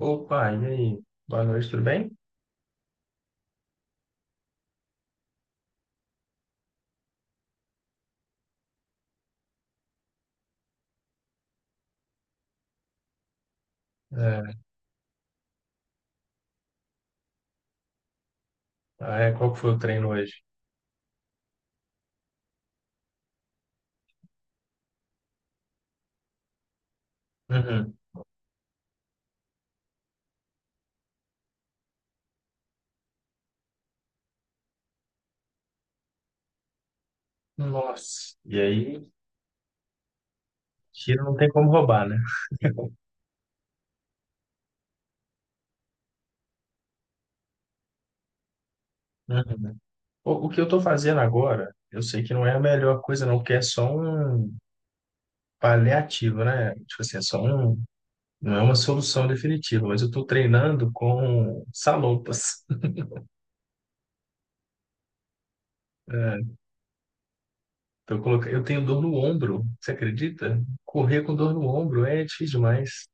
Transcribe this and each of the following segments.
Opa, e aí? Boa noite, tudo bem? É, qual que foi o treino hoje? Uhum. Nossa, e aí, tiro não tem como roubar, né? Uhum. O que eu tô fazendo agora, eu sei que não é a melhor coisa não, porque é só um paliativo, né? Tipo assim, é só um, não é uma solução definitiva, mas eu tô treinando com salopas. É, tô colocando, eu tenho dor no ombro, você acredita? Correr com dor no ombro é difícil demais.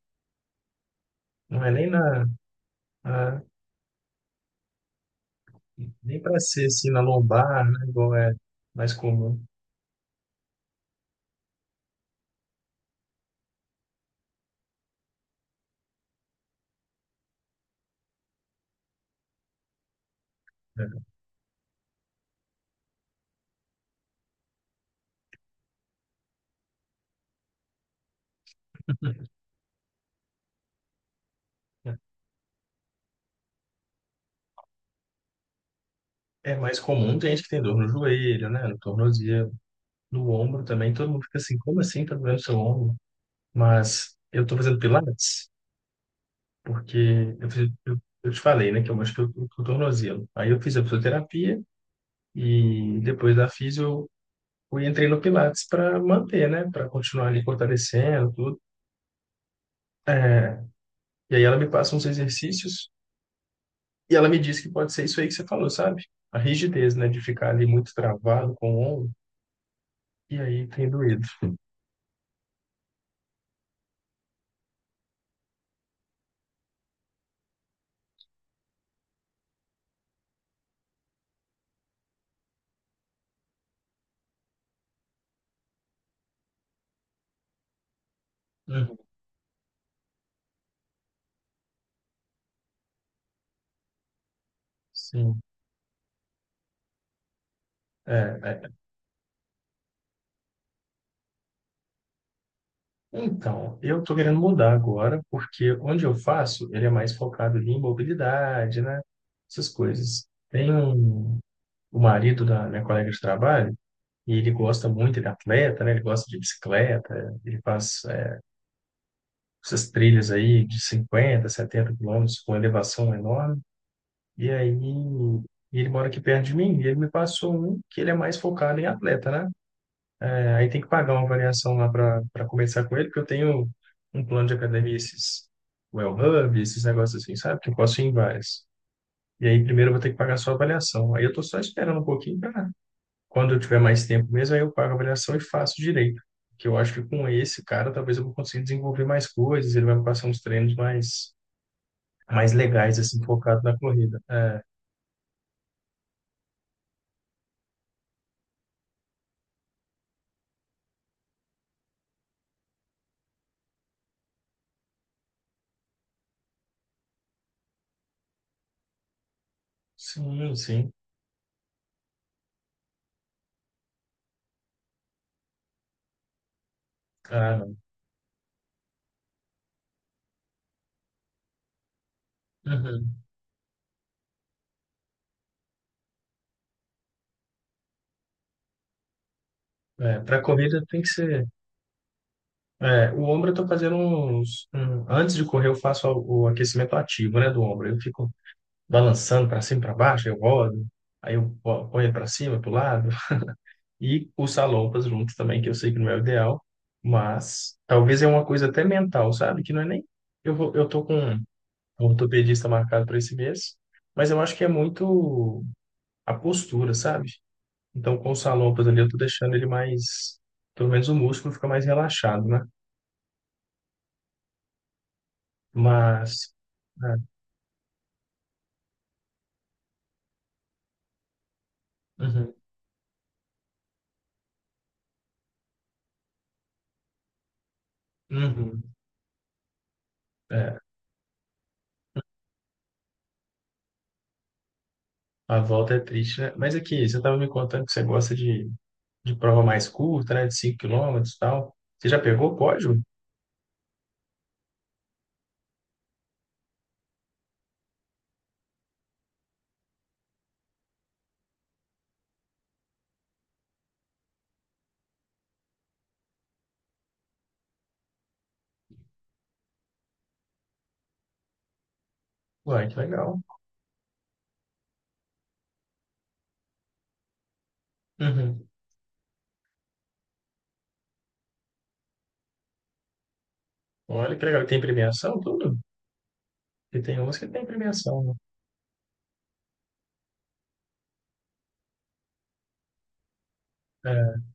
Não é na, Nem para ser assim na lombar, né? Igual é mais comum, né? É mais comum, tem gente que tem dor no joelho, né? No tornozelo, no ombro também. Todo mundo fica assim, como assim tá doendo seu ombro? Mas eu tô fazendo pilates porque eu te falei, né? Que eu machuquei o tornozelo. Aí eu fiz a fisioterapia e depois da fisio eu entrei no pilates para manter, né? Para continuar ali fortalecendo tudo. É, e aí ela me passa uns exercícios. E ela me disse que pode ser isso aí que você falou, sabe? A rigidez, né? De ficar ali muito travado com o ombro, e aí tem doído. Uhum. Sim. É, é. Então, eu tô querendo mudar agora, porque onde eu faço, ele é mais focado ali em mobilidade, né? Essas coisas. O marido da minha colega de trabalho, e ele gosta muito, ele é atleta, né? Ele gosta de bicicleta, ele faz, essas trilhas aí de 50, 70 km com elevação enorme. E aí, e ele mora aqui perto de mim, e ele me passou um que ele é mais focado em atleta, né? É, aí tem que pagar uma avaliação lá para começar com ele, porque eu tenho um plano de academia, esses Well Hub, esses negócios assim, sabe? Que eu posso ir em várias. E aí, primeiro eu vou ter que pagar só a avaliação. Aí eu tô só esperando um pouquinho para quando eu tiver mais tempo mesmo, aí eu pago a avaliação e faço direito. Que eu acho que com esse cara, talvez eu vou conseguir desenvolver mais coisas, ele vai me passar uns treinos mais legais, assim, focado na corrida. É, sim, sim. Ah, uhum. É, para corrida tem que ser. É, o ombro eu tô fazendo antes de correr, eu faço o aquecimento ativo, né, do ombro. Eu fico balançando para cima e para baixo, eu rodo, aí eu ponho para cima, para o lado. E os salompas juntos também, que eu sei que não é o ideal, mas talvez é uma coisa até mental, sabe? Que não é nem. Eu tô com um ortopedista marcado para esse mês, mas eu acho que é muito a postura, sabe? Então, com os salopas ali, eu tô deixando ele mais. Pelo menos o músculo fica mais relaxado, né? Mas. É, uhum, uhum, é, a volta é triste, né? Mas aqui, você estava me contando que você gosta de prova mais curta, né? De 5 km e tal. Você já pegou o pódio? Uai, que legal. Uhum. Olha que legal. E tem premiação, tudo? Porque tem umas que tem premiação, né? É,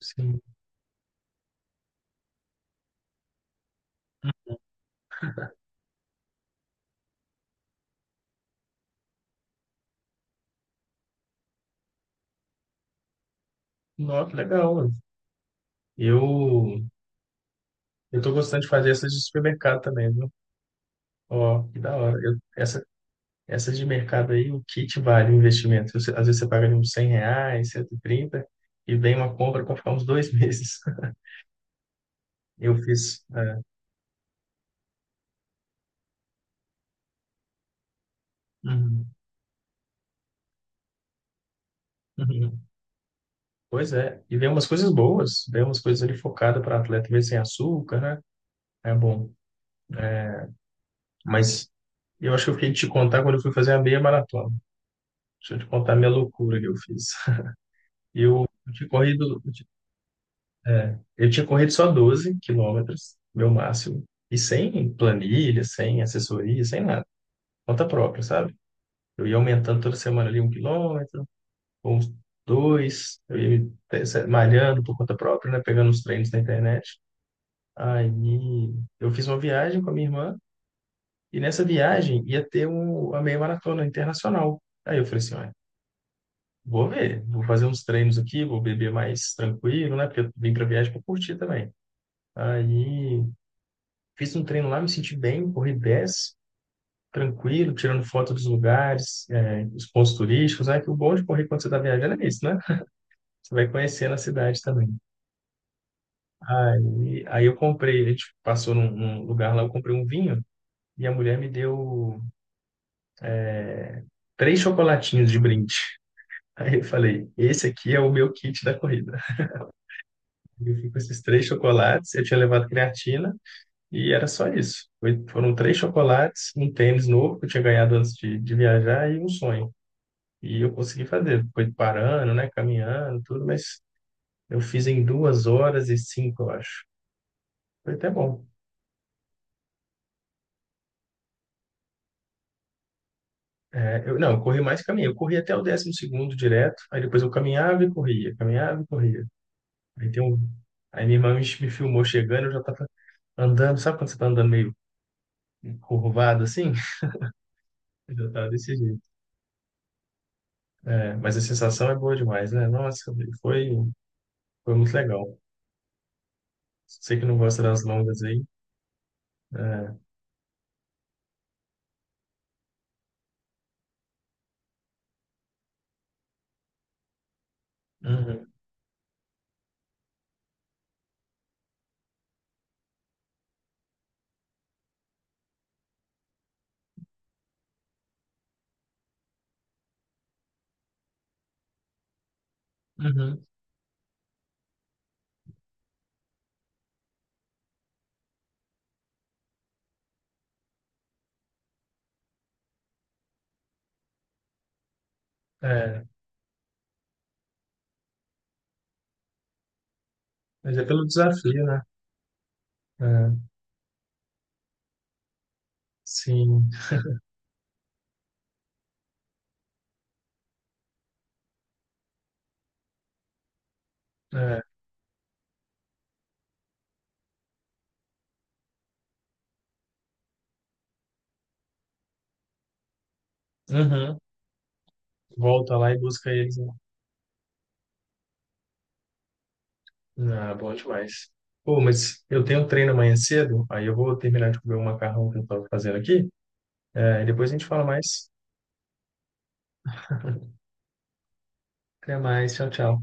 sim. Nossa, que legal, mano. Eu, eu tô gostando de fazer essas de supermercado também, viu? Ó, que da hora. Eu, essas Essas de mercado aí, o que que vale o investimento? Você- Às vezes você paga ali uns R$ 100, 130 e vem uma compra para ficar uns dois meses. Eu fiz. É. Uhum, uhum. Pois é. E vem umas coisas boas, vem umas coisas ali focadas para atleta, mesmo sem açúcar, né? É bom. Mas eu acho que eu fiquei de te contar quando eu fui fazer a meia maratona. Deixa eu te contar a minha loucura que eu fiz. Eu, tinha corrido, eu ti- eu tinha corrido só 12 km, meu máximo. E sem planilha, sem assessoria, sem nada. Conta própria, sabe? Eu ia aumentando toda semana ali um quilômetro, ou uns dois, eu ia me te- se- malhando por conta própria, né? Pegando os treinos na internet. Aí eu fiz uma viagem com a minha irmã, e nessa viagem ia ter a meia maratona internacional. Aí eu falei assim, olha, vou ver, vou fazer uns treinos aqui, vou beber mais tranquilo, né? Porque eu vim pra viagem para curtir também. Aí fiz um treino lá, me senti bem, corri 10, tranquilo, tirando foto dos lugares, os pontos turísticos, né? Que o bom de correr quando você está viajando é isso, né? Você vai conhecendo a cidade também. Aí eu comprei, a gente passou num lugar lá, eu comprei um vinho e a mulher me deu três chocolatinhos de brinde. Aí eu falei, esse aqui é o meu kit da corrida. Eu fui com esses três chocolates, eu tinha levado creatina e era só isso. Foram três chocolates, um tênis novo que eu tinha ganhado antes de viajar e um sonho. E eu consegui fazer. Foi parando, né? Caminhando, tudo, mas eu fiz em 2h05, eu acho. Foi até bom. É, eu, não, eu corri mais caminho. Eu corri até o décimo segundo direto, aí depois eu caminhava e corria, caminhava e corria. Aí tem um. Aí minha irmã me filmou chegando, eu já tava andando, sabe quando você tá andando meio curvado assim? Eu já tava desse jeito. É, mas a sensação é boa demais, né? Nossa, foi, foi muito legal. Sei que não gosta das longas aí. É, uhum, uhum, é, mas é pelo desafio, né? É, sim. É. Uhum. Volta lá e busca eles, né? Ah, bom demais. Pô, mas eu tenho um treino amanhã cedo, aí eu vou terminar de comer o macarrão que eu tava fazendo aqui. É, e depois a gente fala mais. Até mais. Tchau, tchau.